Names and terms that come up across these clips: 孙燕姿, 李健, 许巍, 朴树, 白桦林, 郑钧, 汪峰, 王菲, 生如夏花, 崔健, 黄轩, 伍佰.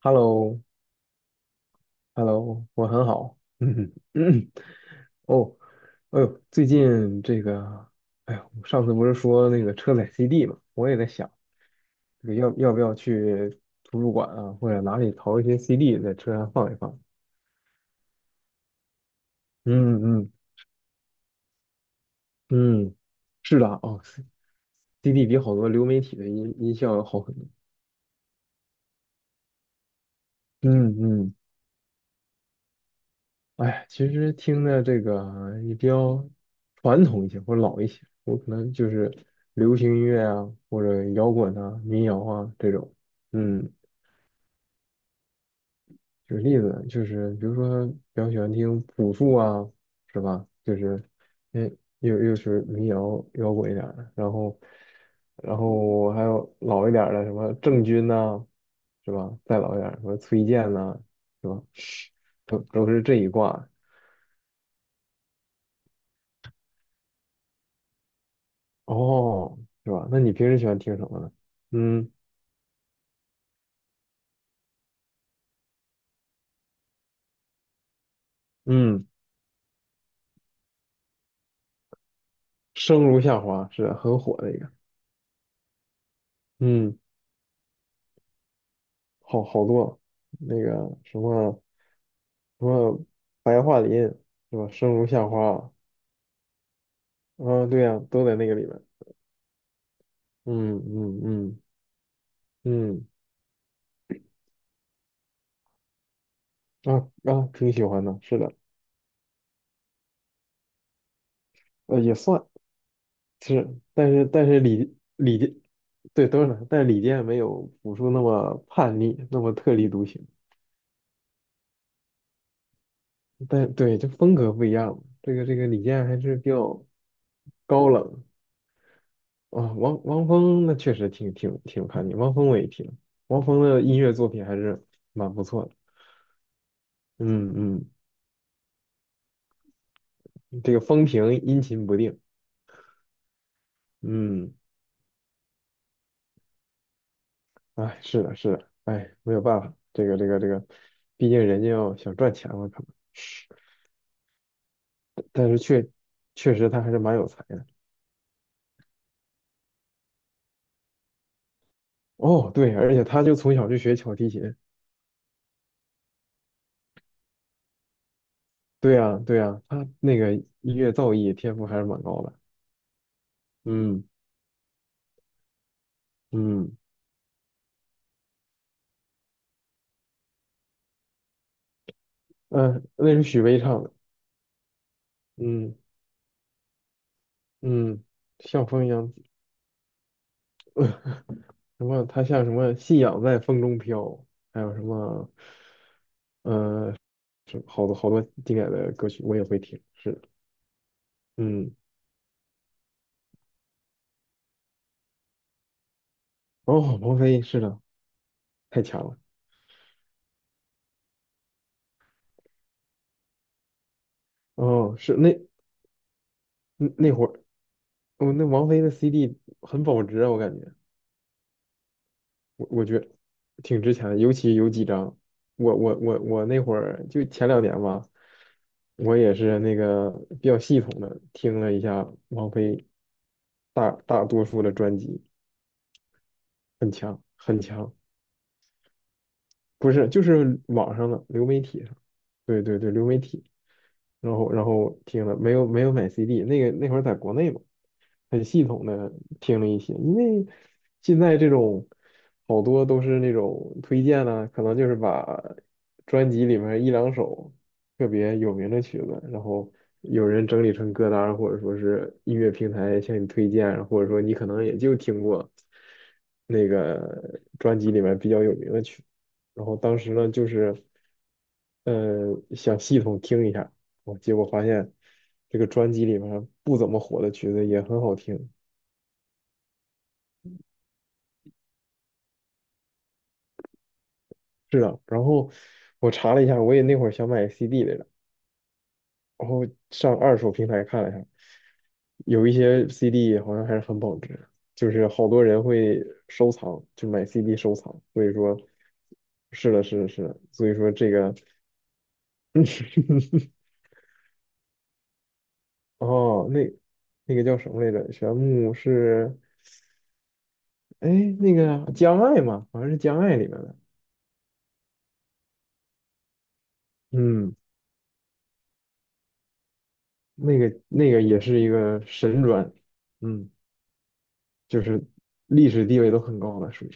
Hello,Hello,我很好。嗯嗯，哦，哎呦，最近这个，哎呦，上次不是说那个车载 CD 嘛，我也在想，这个要不要去图书馆啊，或者哪里淘一些 CD 在车上放一放。嗯嗯嗯，是的，哦，CD 比好多流媒体的音效要好很多。嗯嗯，哎，其实听的这个也比较传统一些或者老一些，我可能就是流行音乐啊，或者摇滚啊、民谣啊这种。嗯，举个例子，就是比如说比较喜欢听朴树啊，是吧？就是，嗯，又是民谣摇滚一点儿的，然后，然后我还有老一点儿的什么郑钧呐、是吧？再老一点儿什么崔健呐、是吧？都是这一挂。哦，是吧？那你平时喜欢听什么呢？嗯嗯，生如夏花是很火的一个，嗯，好多那个什么什么白桦林是吧？生如夏花，啊，对呀、都在那个里面。嗯嗯嗯嗯，啊啊，挺喜欢的，是的，呃，也算，但是李健，对，都是，但是李健没有朴树那么叛逆，那么特立独行。但对，这风格不一样，这个李健还是比较高冷啊。汪峰那确实挺有看点，汪峰我也听，汪峰的音乐作品还是蛮不错的。嗯嗯，这个风评阴晴不定。嗯，哎，是的，是的，哎，没有办法，这个，毕竟人家要想赚钱嘛，可能，但是确实他还是蛮有才的。哦，对，而且他就从小就学小提琴。对呀，对呀，他那个音乐造诣天赋还是蛮高的。嗯嗯嗯，那是许巍唱的。嗯嗯，像风一样，什么？他像什么？信仰在风中飘，还有什么？呃，好多好多经典的歌曲我也会听。是的，嗯，哦，王菲是的，太强了。哦，是那那会儿，哦，那王菲的 CD 很保值啊，我感觉。我觉得挺值钱的，尤其有几张，我那会儿就前两年吧，我也是那个比较系统的听了一下王菲大多数的专辑，很强很强。不是，就是网上的流媒体上，对对对，流媒体，然后听了，没有买 CD,那个那会儿在国内嘛，很系统的听了一些，因为现在这种好多都是那种推荐呢、可能就是把专辑里面一两首特别有名的曲子，然后有人整理成歌单或者说是音乐平台向你推荐，或者说你可能也就听过那个专辑里面比较有名的曲子。然后当时呢，就是，呃，想系统听一下，我结果发现这个专辑里面不怎么火的曲子也很好听，是的。然后我查了一下，我也那会儿想买 CD 来着，然后上二手平台看了一下，有一些 CD 好像还是很保值，就是好多人会收藏，就买 CD 收藏，所以说，是的，是的，是的，所以说这个，哦，那那个叫什么来着？玄牧是。哎，那个江爱嘛，好像是江爱里面的，嗯，那个也是一个神转，嗯，就是历史地位都很高了，属于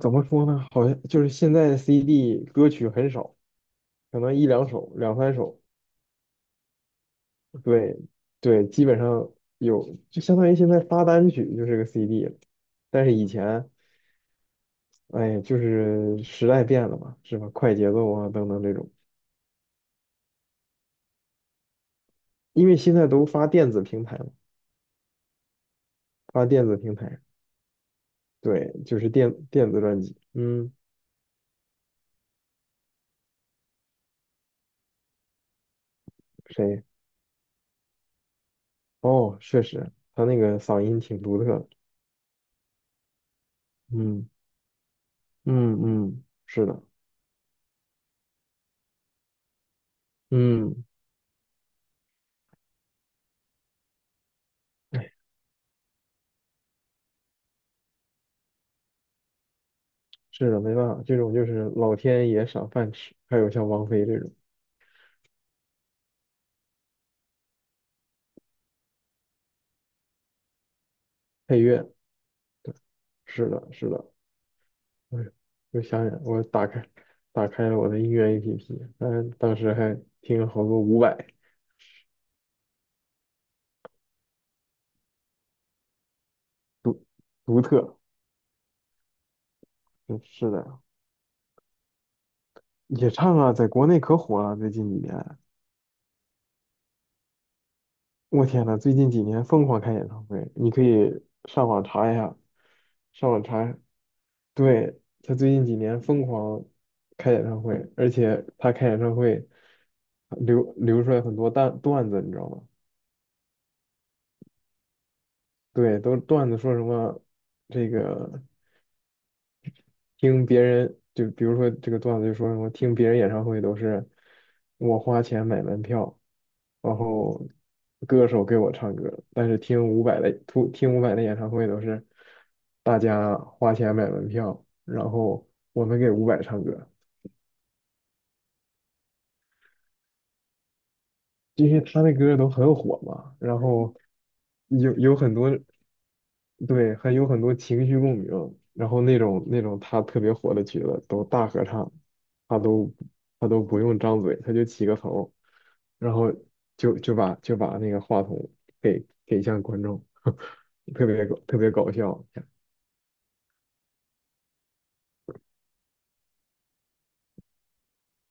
怎么说呢？好像就是现在的 CD 歌曲很少，可能一两首、两三首，对对，基本上有，就相当于现在发单曲就是个 CD 了。但是以前，哎，就是时代变了嘛，是吧？快节奏啊等等这种，因为现在都发电子平台嘛，发电子平台。对，就是电子专辑，嗯，谁？哦，确实，他那个嗓音挺独特的，嗯嗯嗯，是的，嗯，哎，是的，没办法，这种就是老天爷赏饭吃。还有像王菲这种配乐，是的，是的，哎呦，又想起来我打开了我的音乐 APP,但当时还听了好多伍佰，独独特，嗯是的，也唱啊，在国内可火了，最近几年，我天呐，最近几年疯狂开演唱会，你可以上网查一下，上网查，对，他最近几年疯狂开演唱会，而且他开演唱会流出来很多段子，你知道吗？对，都段子说什么这个听别人，就比如说这个段子就说什么听别人演唱会都是我花钱买门票，然后歌手给我唱歌，但是听伍佰的演唱会都是大家花钱买门票，然后我们给伍佰唱歌，因为他那歌都很火嘛，然后有很多对，还有很多情绪共鸣，然后那种他特别火的曲子都大合唱，他都他都不用张嘴，他就起个头，然后就把那个话筒给向观众，特别搞笑，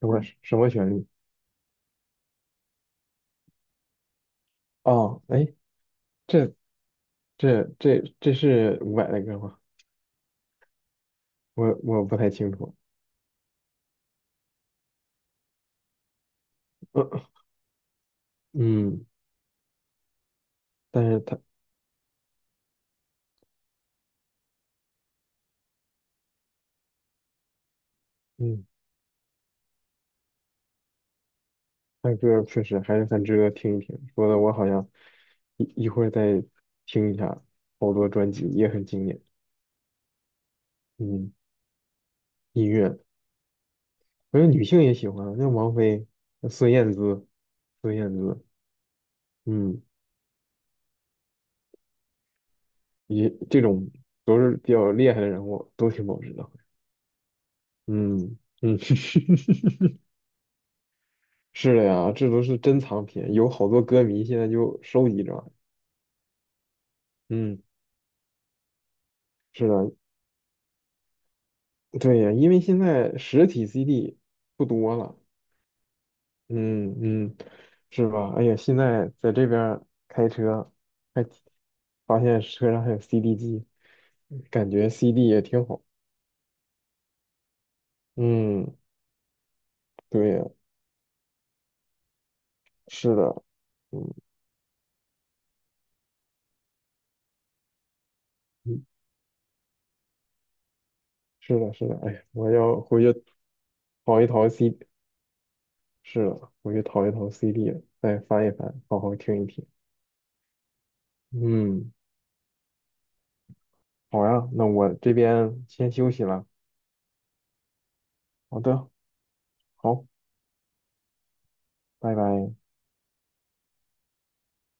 什么旋律？哦，哎，这这是伍佰的歌吗？我不太清楚，嗯，但是他嗯，他歌确实还是很值得听一听，说的我好像一会儿再听一下，好多专辑也很经典。嗯，音乐，我觉得女性也喜欢，像王菲、孙燕姿、孙燕姿，嗯，也这种都是比较厉害的人物，都挺保值的。嗯嗯，是的呀，这都是珍藏品，有好多歌迷现在就收集着。嗯，是的，对呀，因为现在实体 CD 不多了。嗯嗯，是吧？哎呀，现在在这边儿开车，还发现车上还有 CD 机，感觉 CD 也挺好。嗯，对呀，是的，嗯嗯，是的，是的。哎呀，我要回去淘一淘 CD,是的，回去淘一淘 CD,再翻一翻，好好听一听。嗯，好呀，那我这边先休息了。好的，好，拜拜。